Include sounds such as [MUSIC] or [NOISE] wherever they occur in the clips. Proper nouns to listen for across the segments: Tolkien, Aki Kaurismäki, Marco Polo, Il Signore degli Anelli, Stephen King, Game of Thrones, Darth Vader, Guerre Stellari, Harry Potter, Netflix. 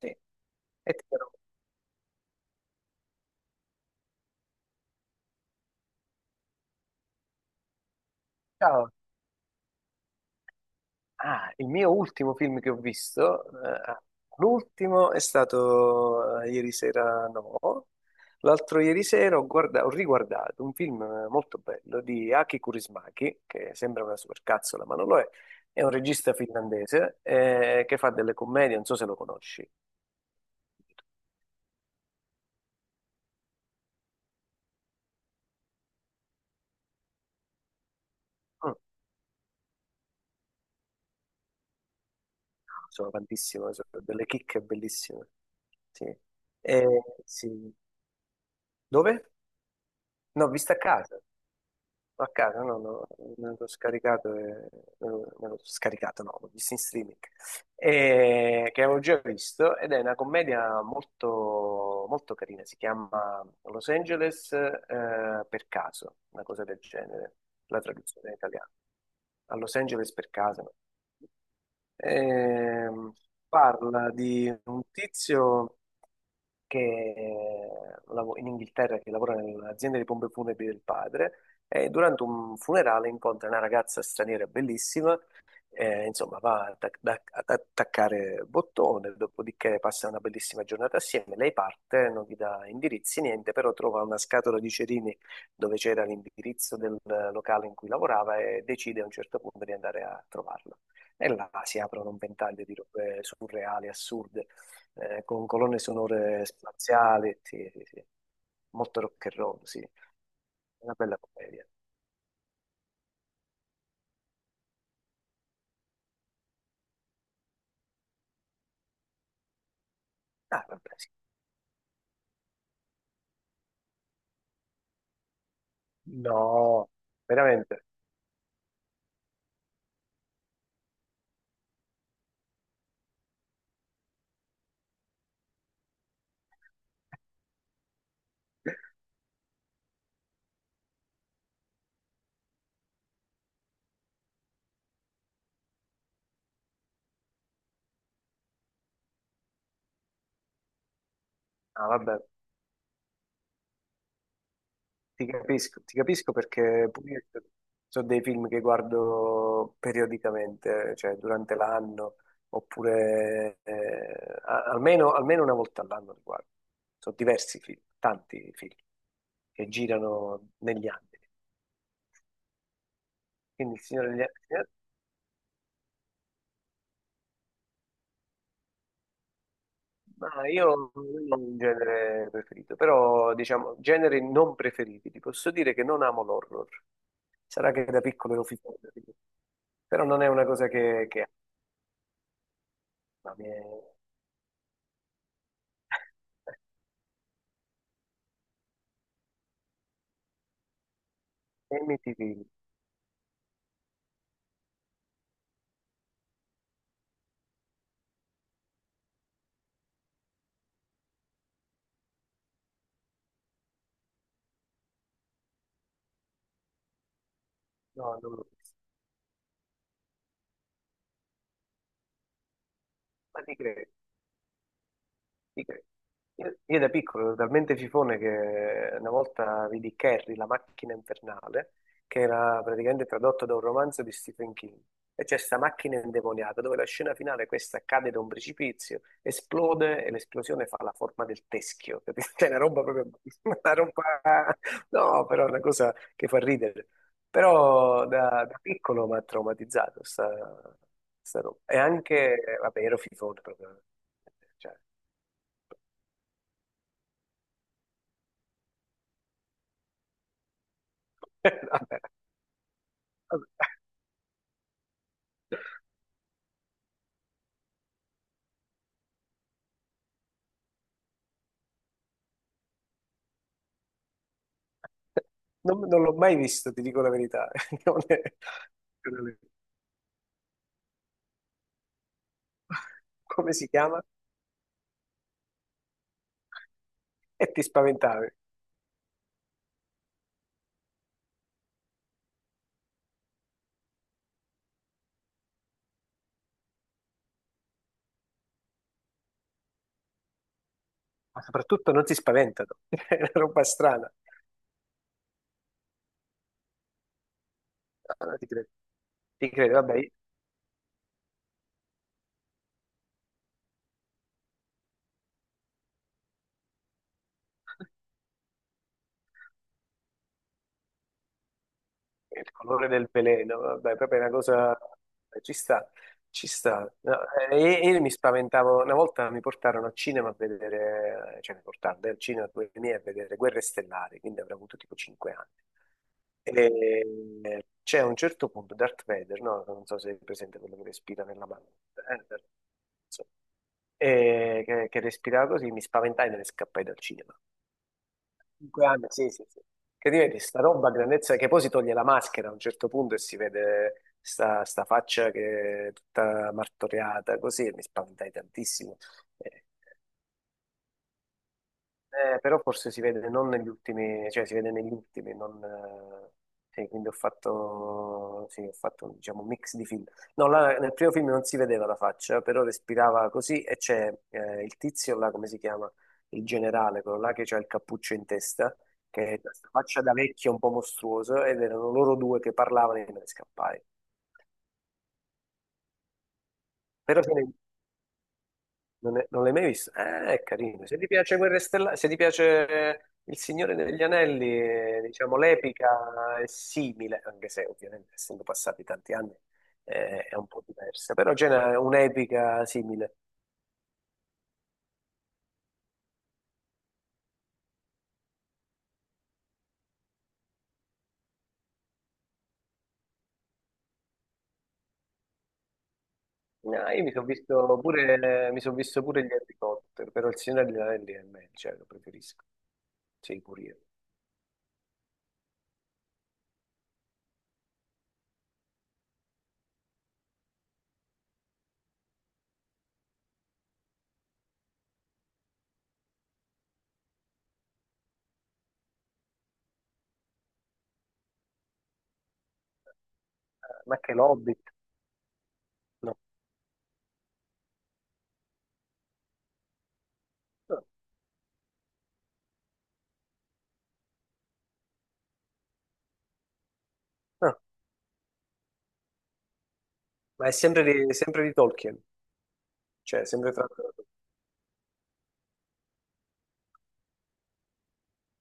Sì, e ti dirò, ciao. Ah, il mio ultimo film che ho visto, l'ultimo è stato ieri sera, no, l'altro ieri sera ho, ho riguardato un film molto bello di Aki Kaurismäki, che sembra una supercazzola, ma non lo è un regista finlandese che fa delle commedie, non so se lo conosci. Mm, sono tantissime, sono delle chicche bellissime. Sì. Eh, sì. Dove? No, vista a casa. A casa, no, no, me l'ho scaricato, e, me l'ho scaricato, no, l'ho visto in streaming, e, che avevo già visto, ed è una commedia molto, molto carina, si chiama Los Angeles per caso, una cosa del genere, la traduzione in italiano, a Los Angeles per caso. No. Ehm, parla di un tizio che in Inghilterra che lavora nell'azienda di pompe funebri del padre e durante un funerale incontra una ragazza straniera bellissima, insomma va ad attaccare bottone, dopodiché passa una bellissima giornata assieme, lei parte, non gli dà indirizzi, niente, però trova una scatola di cerini dove c'era l'indirizzo del locale in cui lavorava e decide a un certo punto di andare a trovarlo. E là si aprono un ventaglio di robe surreali, assurde con colonne sonore spaziali, sì, sì, sì. Molto rock and roll, sì. Una bella commedia. Ah, vabbè, sì. No, veramente. Ah, vabbè, ti capisco perché pure io sono dei film che guardo periodicamente, cioè durante l'anno, oppure almeno, almeno 1 volta all'anno li guardo. Sono diversi film, tanti film che girano negli anni. Quindi il Signore degli Anelli. Ma io non ho un genere preferito, però diciamo generi non preferiti. Ti posso dire che non amo l'horror. Sarà che da piccolo ero fissato, però non è una cosa che amo. Ma mi è... [LAUGHS] e mi ti dico. No, non lo so. Ma ti credo. Io da piccolo ero talmente fifone che una volta vidi Carrie, la macchina infernale, che era praticamente tradotto da un romanzo di Stephen King. E c'è questa macchina indemoniata dove la scena finale, questa cade da un precipizio, esplode e l'esplosione fa la forma del teschio. [LAUGHS] Capito? Cioè, una roba proprio, [LAUGHS] una roba, no, però è una cosa che fa ridere. Però da, da piccolo mi ha traumatizzato sta, sta roba. E anche, vabbè, ero fifone proprio. Cioè, Eh, Vabbè, vabbè. Non l'ho mai visto, ti dico la verità. [LAUGHS] Non è- non è- Come si chiama? E ti spaventavi. Ma soprattutto non si spaventano. [LAUGHS] È una roba strana. Ah, ti credo. Ti credo, vabbè. Il colore del veleno, vabbè, proprio è una cosa... Eh, ci sta, ci sta. No, io mi spaventavo, una volta mi portarono al cinema a vedere, cioè mi portarono al cinema con i miei a vedere Guerre Stellari, quindi avrei avuto tipo 5 anni. E c'è a un certo punto Darth Vader, no? Non so se è presente quello che respira nella mano. Eh, insomma. E che respirava così, mi spaventai e me ne scappai dal cinema. Cinque anni, sì, sì, sì. Che diventi sta roba a grandezza che poi si toglie la maschera a un certo punto e si vede sta, sta faccia che è tutta martoriata, così e mi spaventai tantissimo. Eh, però forse si vede non negli ultimi, cioè si vede negli ultimi, non, sì, quindi ho fatto, sì, ho fatto diciamo, un mix di film. No, là, nel primo film non si vedeva la faccia, però respirava così e c'è il tizio là, come si chiama? Il generale, quello là che c'ha il cappuccio in testa, che è questa faccia da vecchio un po' mostruoso, ed erano loro due che parlavano e me ne scappai. Però non l'hai mai visto? È carino. Se ti piace Guerre Stellari, se ti piace Il Signore degli Anelli, diciamo, l'epica è simile, anche se ovviamente essendo passati tanti anni è un po' diversa, però c'è un'epica simile. No, io mi sono visto pure, mi son visto pure gli Harry Potter, però Il Signore degli Anelli è meglio, cioè lo preferisco, sì, pure io. Ma che l'Hobbit? No. No, no. Ma è sempre di Tolkien, cioè sempre tratto da... Tolkien.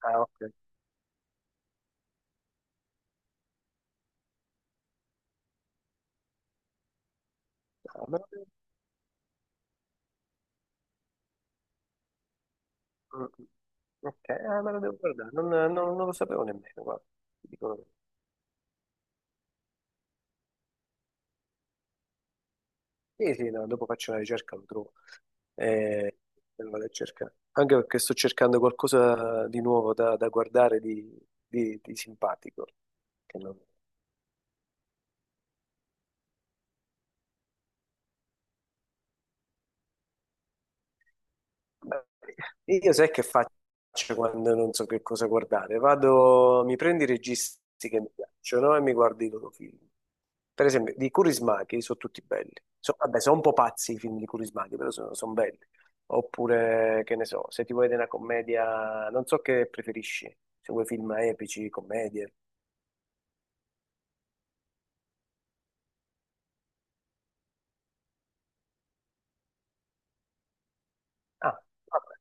Ah, ok. No, ma- mm, Ok, ah, me lo devo guardare, non lo sapevo nemmeno, guarda. Ti dico la verità. Sì, sì, no, dopo faccio una ricerca, lo trovo. Eh, me lo vado a cercare. Anche perché sto cercando qualcosa di nuovo da, da guardare, di simpatico, che non, beh, io sai che faccio quando non so che cosa guardare? Vado, mi prendo i registi che mi piacciono e mi guardo i loro film. Per esempio, di Kurismaki sono tutti belli. Vabbè, sono un po' pazzi i film di Kurismaki, però sono, sono belli. Oppure, che ne so, se ti vuoi vedere una commedia, non so che preferisci, se vuoi film epici, commedie. Ah, vabbè,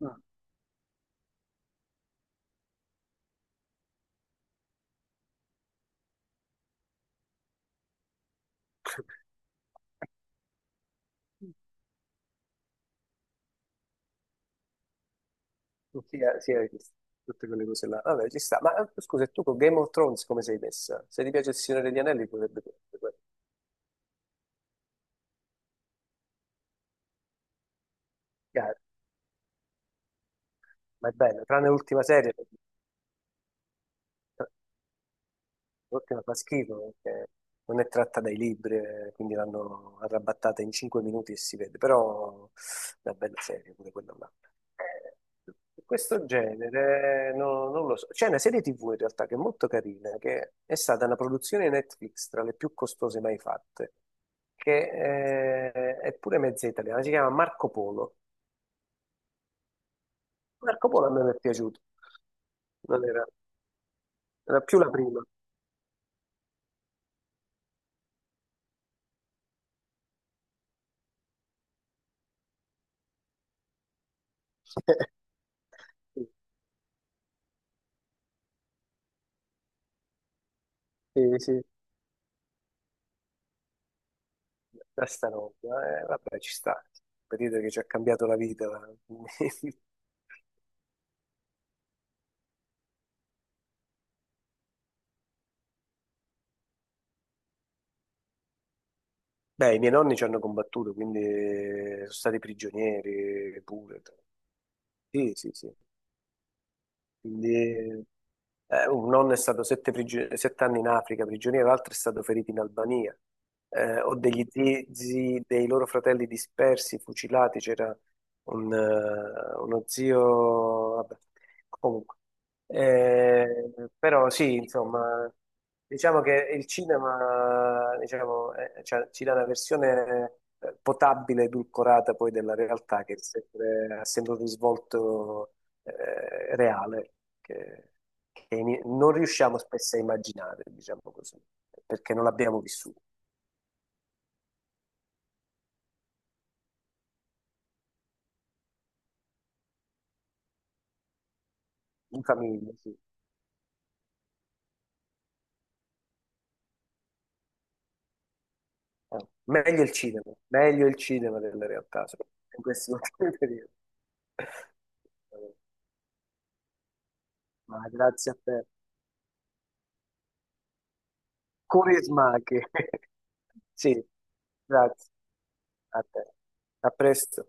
mm, sia, sia che- tutte quelle cose là. Vabbè, ci sta. Ma scusa, e tu con Game of Thrones come sei messa? Se ti piace il Signore degli Anelli, potrebbe... piacerti quello. Chiaro, ma è bello, tranne l'ultima serie, perché l'ultima fa schifo perché non è tratta dai libri, quindi l'hanno arrabattata in 5 minuti e si vede, però è una bella serie pure quella là. Eh, di questo genere non lo so. C'è una serie TV in realtà che è molto carina, che è stata una produzione Netflix tra le più costose mai fatte, che è pure mezza italiana, si chiama Marco Polo. Marco Polo a me mi è piaciuto, non era, era più la prima. [LAUGHS] Sì, sì, sì, da sta roba, vabbè, ci sta. Il periodo che ci ha cambiato la vita. [LAUGHS] Beh, i miei nonni ci hanno combattuto, quindi sono stati prigionieri pure. Sì, sì, sì. Quindi un nonno è stato 7 anni in Africa prigioniero, l'altro è stato ferito in Albania. Ho degli zii, zii dei loro fratelli dispersi, fucilati. C'era uno zio, vabbè, comunque. Però sì, insomma, diciamo che il cinema, diciamo, cioè, ci dà una versione potabile, edulcorata poi della realtà che è ha sempre un risvolto reale che, che non riusciamo spesso a immaginare, diciamo così, perché non l'abbiamo vissuto in famiglia, sì. Meglio il cinema, meglio il cinema della realtà, soprattutto in questi ultimi [LAUGHS] periodi. Ma grazie a te. Curi e smacchi. [LAUGHS] Sì, grazie a te. A presto.